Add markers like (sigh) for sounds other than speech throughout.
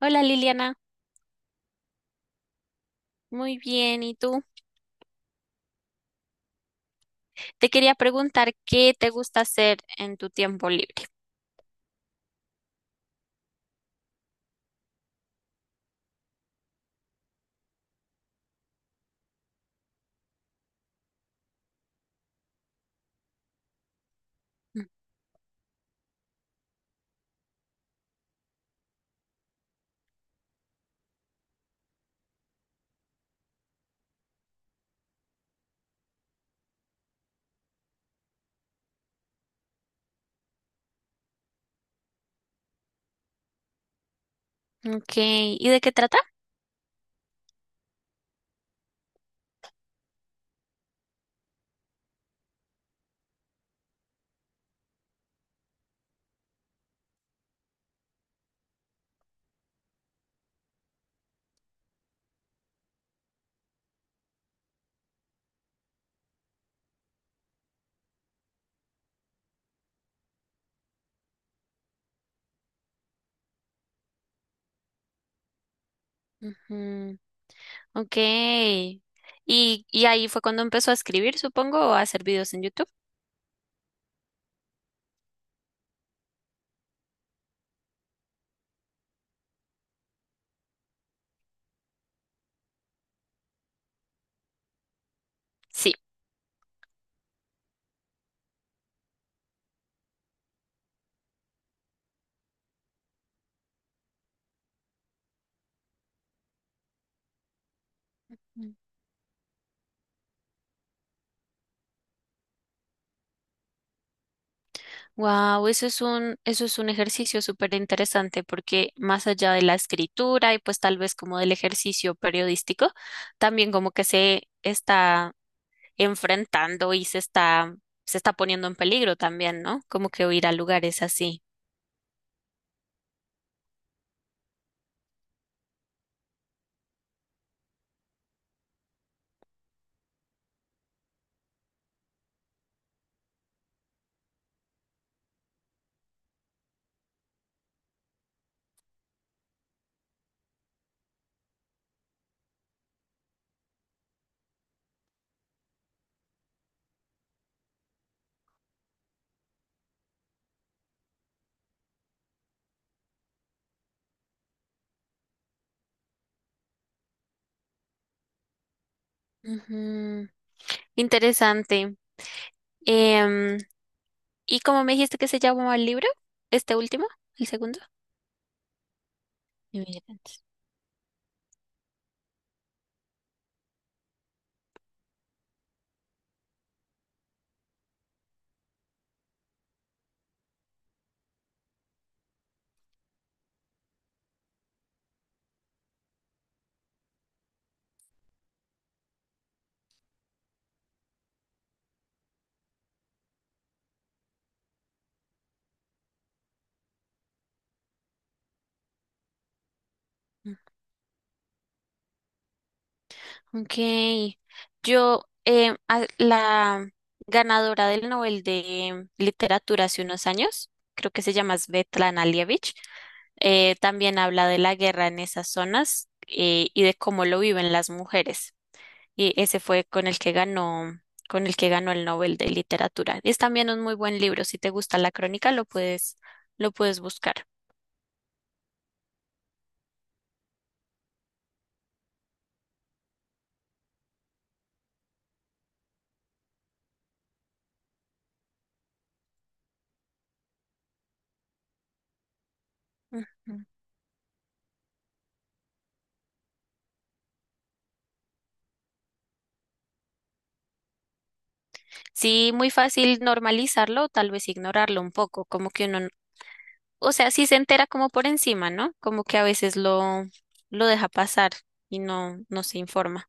Hola Liliana, muy bien. ¿Y tú? Te quería preguntar qué te gusta hacer en tu tiempo libre. Mm. Ok, ¿y de qué trata? Ujú. Ok, y ahí fue cuando empezó a escribir, supongo, o a hacer videos en YouTube. Sí. Wow, eso es un ejercicio súper interesante porque más allá de la escritura y pues tal vez como del ejercicio periodístico, también como que se está enfrentando y se está poniendo en peligro también, ¿no? Como que ir a lugares así. Ujú. Interesante. Em, ¿Y cómo me dijiste que se llamaba el libro? ¿Este último? ¿El segundo? Inmigrantes. Ok. Yo, la ganadora del Nobel de Literatura hace unos años, creo que se llama Svetlana Alievich, también habla de la guerra en esas zonas y de cómo lo viven las mujeres. Y ese fue con el que ganó, con el que ganó el Nobel de Literatura. Es también un muy buen libro. Si te gusta la crónica, lo puedes buscar. Ujú. Sí, muy fácil normalizarlo, tal vez ignorarlo un poco, como que uno. O sea, sí se entera como por encima, ¿no? Como que a veces lo deja pasar y no se informa.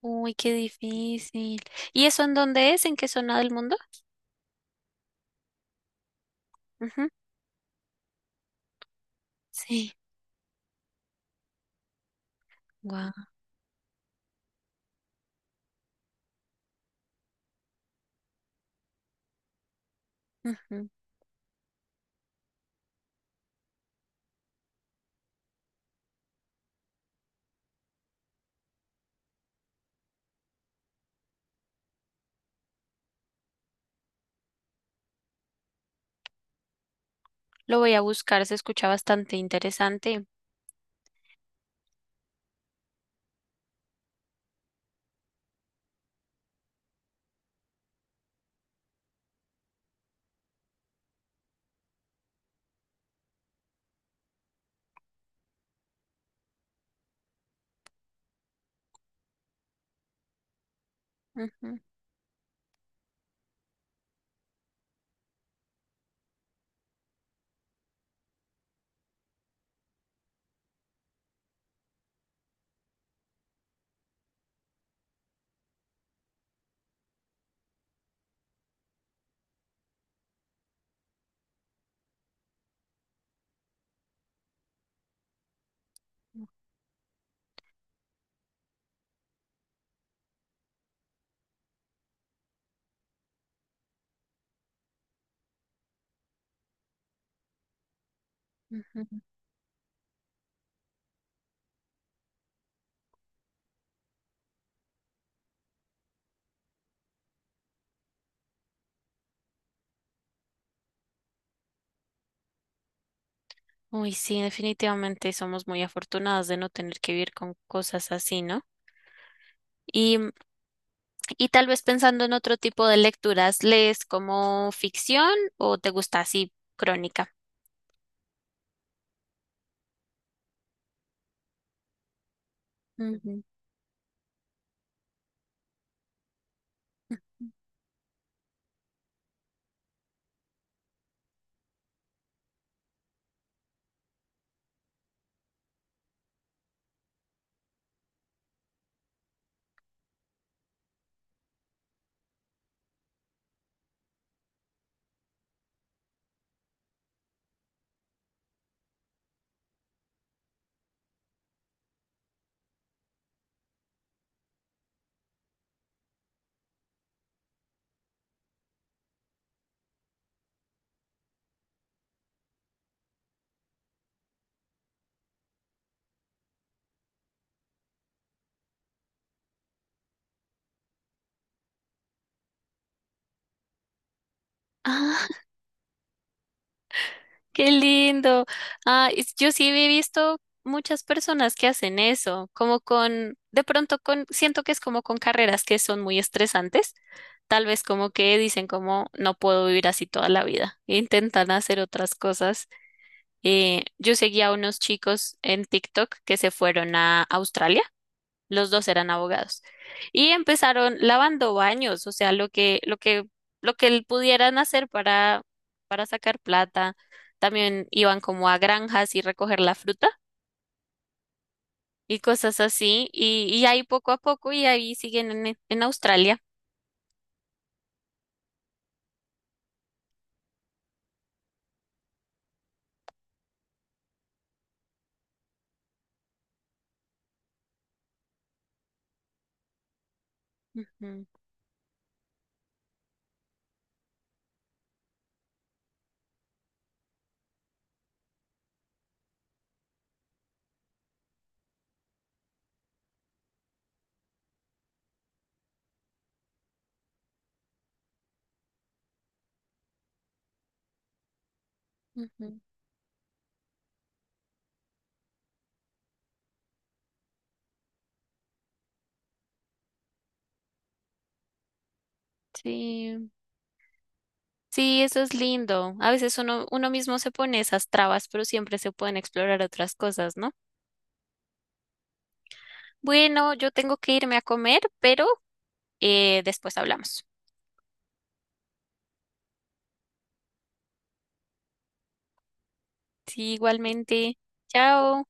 Uy, qué difícil. ¿Y eso en dónde es? ¿En qué zona del mundo? Ujú. Sí. Guau. Ujú. Lo voy a buscar, se escucha bastante interesante. Ujú, ujú. Uy, sí, definitivamente somos muy afortunadas de no tener que vivir con cosas así, ¿no? Y, y tal vez pensando en otro tipo de lecturas, ¿lees como ficción o te gusta así crónica? Ujú. Ah, (laughs) qué lindo. Ah, yo sí he visto muchas personas que hacen eso, como con, de pronto con, siento que es como con carreras que son muy estresantes, tal vez como que dicen como no puedo vivir así toda la vida, e intentan hacer otras cosas. Yo seguía a unos chicos en TikTok que se fueron a Australia. Los dos eran abogados. Y empezaron lavando baños, o sea, pudieran hacer para sacar plata. También iban como a granjas y recoger la fruta y cosas así. Y ahí poco a poco y ahí siguen en Australia. Ujú, ujú. Sí, sí, eso es lindo. A veces uno mismo se pone esas trabas, pero siempre se pueden explorar otras cosas, ¿no? Bueno, yo tengo que irme a comer, pero después hablamos. Sí, igualmente. Chao.